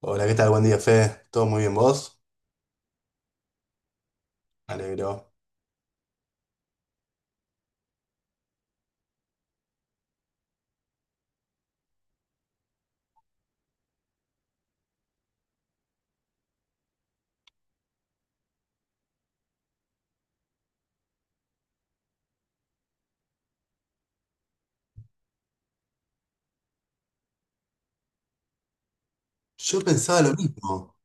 Hola, ¿qué tal? Buen día, Fe. ¿Todo muy bien vos? Me alegro. Yo pensaba lo mismo.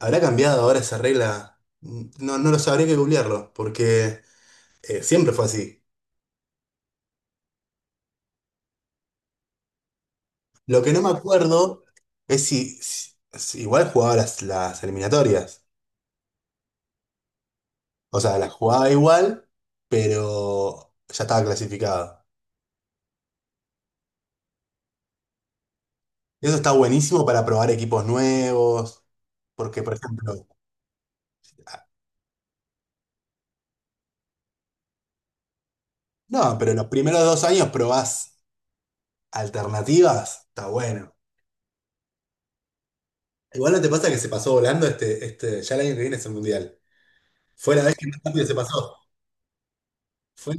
¿Habrá cambiado ahora esa regla? No, no lo sabría que googlearlo, porque siempre fue así. Lo que no me acuerdo es si igual jugaba las eliminatorias. O sea, las jugaba igual, pero ya estaba clasificado. Y eso está buenísimo para probar equipos nuevos, porque, por ejemplo, no, pero los primeros dos años probás alternativas, está bueno. Igual no te pasa que se pasó volando este, ya el año que viene es el mundial. Fue la vez que más rápido se pasó. Fue-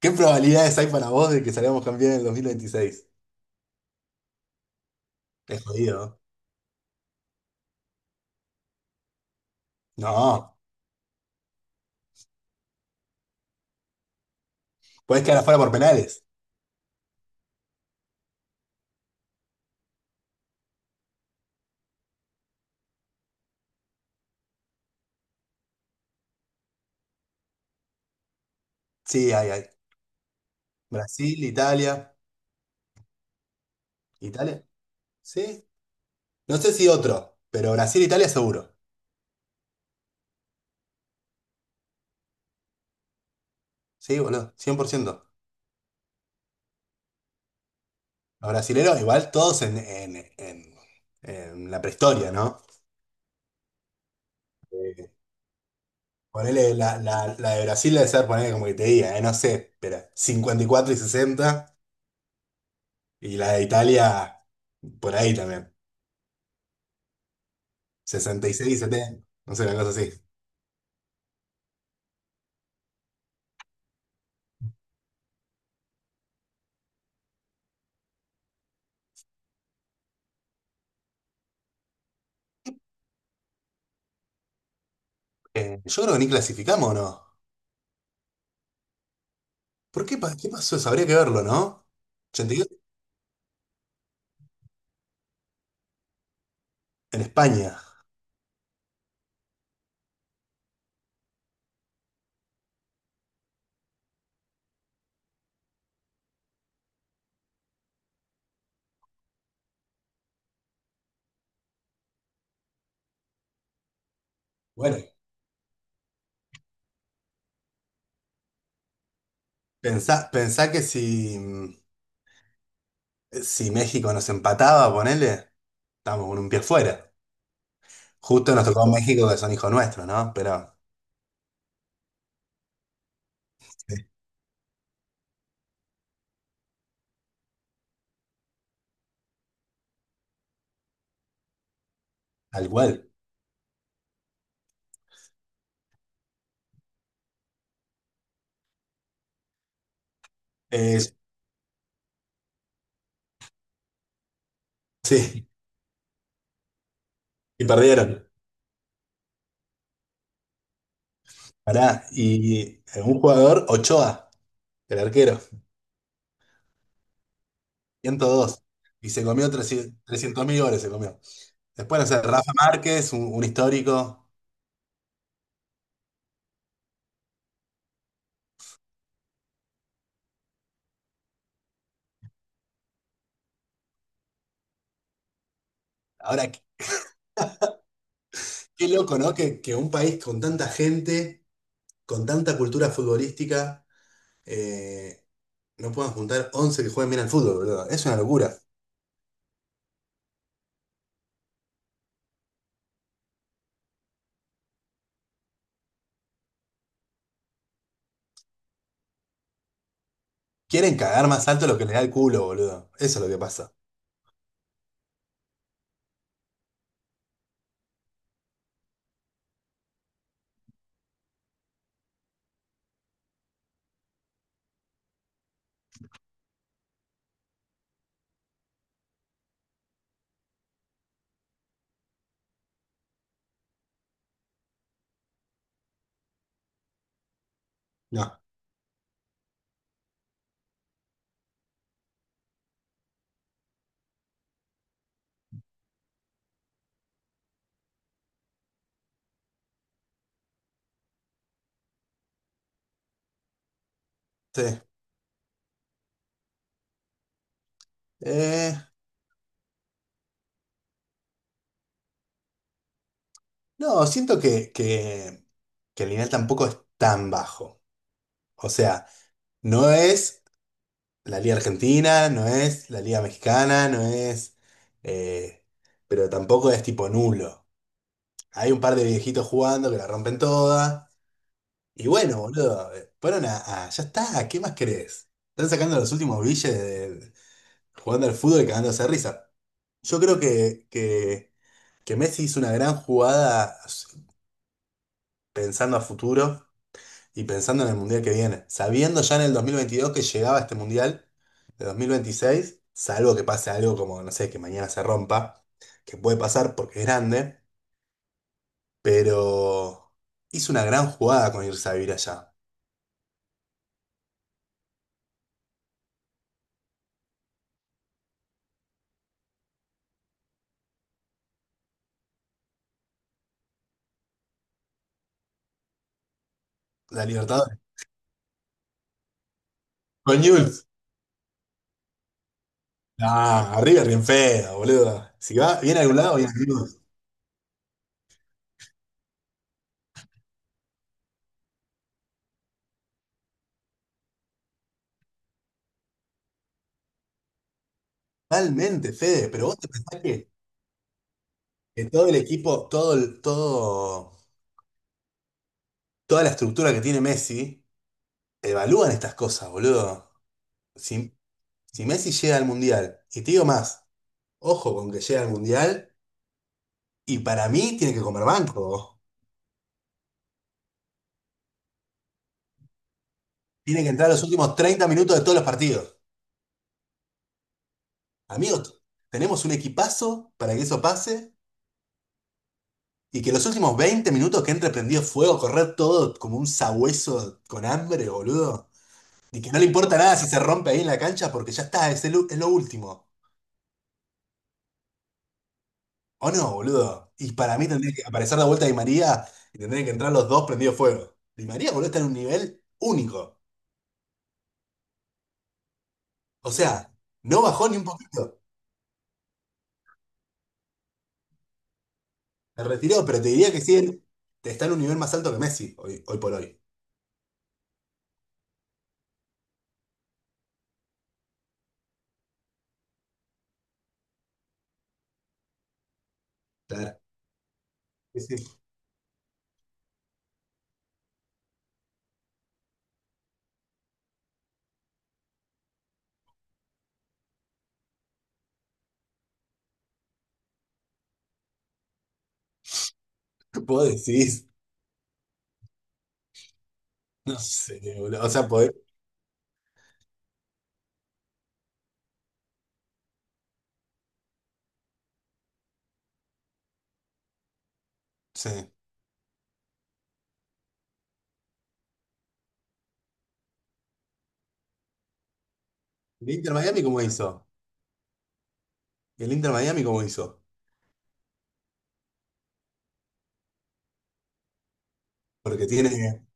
¿Qué probabilidades hay para vos de que salgamos campeón en el 2026? Es jodido. No, no. Podés quedar afuera por penales. Sí, hay, hay. Brasil, Italia. ¿Italia? Sí. No sé si otro, pero Brasil, Italia seguro. Sí, boludo, 100%. Los brasileros, igual todos en la prehistoria, ¿no? Eh, Ponele la de Brasil debe ser, ponele como que te diga, no sé, pero 54 y 60, y la de Italia por ahí también, 66 y 70, no sé, una cosa así. Yo creo que ni clasificamos o no. ¿Por qué, qué pasó eso? Habría que verlo, ¿no? 82 en España. Bueno, pensá que si, si México nos empataba, ponele, estábamos con un pie fuera. Justo nos tocó México, que son hijos nuestros, ¿no? Pero sí, tal cual. Eh, sí, y perdieron. Pará, y un jugador, Ochoa, el arquero, 102. Y se comió 300 mil goles, se comió. Después, no sé, Rafa Márquez, un histórico. Ahora, qué, qué loco, ¿no? Que un país con tanta gente, con tanta cultura futbolística, eh, no puedan juntar 11 que jueguen bien al fútbol, boludo. Es una locura. Quieren cagar más alto lo que les da el culo, boludo. Eso es lo que pasa. No. Sí. Eh, no, siento que el nivel tampoco es tan bajo. O sea, no es la Liga Argentina, no es la Liga Mexicana, no es, eh, pero tampoco es tipo nulo. Hay un par de viejitos jugando que la rompen toda. Y bueno, boludo, fueron ya está, ¿qué más querés? Están sacando los últimos billetes jugando al fútbol y cagándose de risa. Yo creo que Messi hizo una gran jugada pensando a futuro. Y pensando en el mundial que viene, sabiendo ya en el 2022 que llegaba este mundial de 2026, salvo que pase algo como, no sé, que mañana se rompa, que puede pasar porque es grande, pero hizo una gran jugada con irse a vivir allá. La Libertadores. Con Newell's. Ah, River bien feo, boludo. Si va, viene a algún lado, viene a Newell's. Totalmente, Fede, pero vos te pensás que todo el equipo, toda la estructura que tiene Messi, evalúan estas cosas, boludo. Si Si Messi llega al Mundial, y te digo más, ojo con que llega al Mundial, y para mí tiene que comer banco. Tiene que entrar los últimos 30 minutos de todos los partidos. Amigos, tenemos un equipazo para que eso pase, y que los últimos 20 minutos que entre prendido fuego, correr todo como un sabueso con hambre, boludo. Y que no le importa nada si se rompe ahí en la cancha, porque ya está, es, es lo último. ¿O no, boludo? Y para mí tendría que aparecer la vuelta Di María, y tendrían que entrar los dos prendidos fuego. Di María, boludo, está en un nivel único. O sea, no bajó ni un poquito. Se retiró, pero te diría que siguen, está en un nivel más alto que Messi hoy, hoy por hoy. Claro. Sí, sí. Vos decís, no sé, boludo. O sea, podés. Sí. ¿El Inter Miami cómo hizo? ¿El Inter Miami cómo hizo? Porque tiene.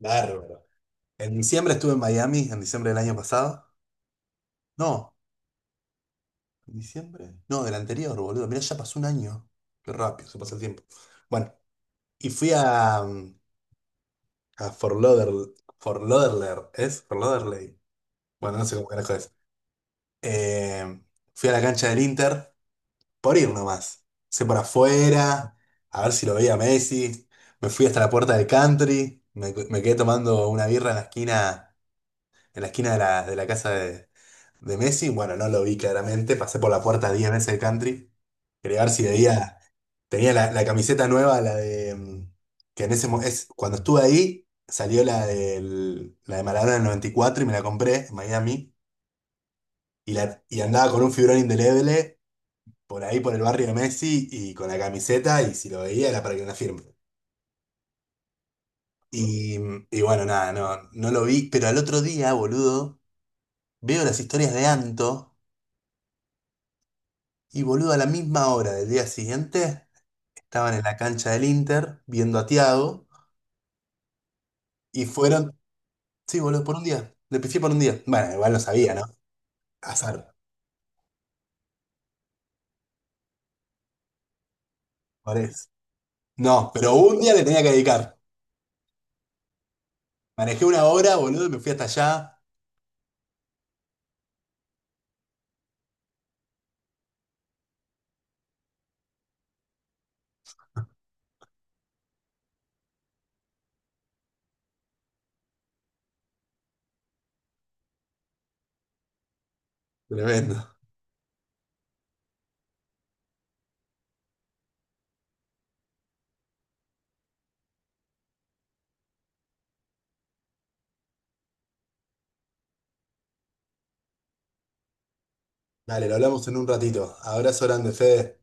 Bárbaro. En diciembre estuve en Miami, en diciembre del año pasado. No, en diciembre. No, del anterior, boludo. Mirá, ya pasó un año. Qué rápido, se pasa el tiempo. Bueno, y fui a, a Fort Lauderdale. Fort Lauderdale, ¿es? Fort Lauderdale. Bueno, no sé cómo carajo es. Eh, Fui a la cancha del Inter por ir nomás. Sé por afuera, a ver si lo veía Messi. Me fui hasta la puerta del country. Me quedé tomando una birra en la esquina de de la casa de Messi. Bueno, no lo vi claramente. Pasé por la puerta 10 veces del country. Quería ver si veía. Tenía la camiseta nueva, la de. Que en ese cuando estuve ahí, salió la de Maradona del 94 y cuatro y me la compré en Miami. Y, la, y andaba con un figurón indeleble por ahí, por el barrio de Messi, y con la camiseta, y si lo veía era para que me la firme. Y, y bueno, nada, no, no lo vi, pero al otro día, boludo, veo las historias de Anto, y boludo, a la misma hora del día siguiente, estaban en la cancha del Inter, viendo a Thiago, y fueron, sí, boludo, por un día, le pifié por un día. Bueno, igual lo sabía, ¿no? Azar, por eso. No, pero un día le tenía que dedicar. Manejé 1 hora, boludo, y me fui hasta allá. Tremendo. Dale, lo hablamos en un ratito. Abrazo grande, Fede.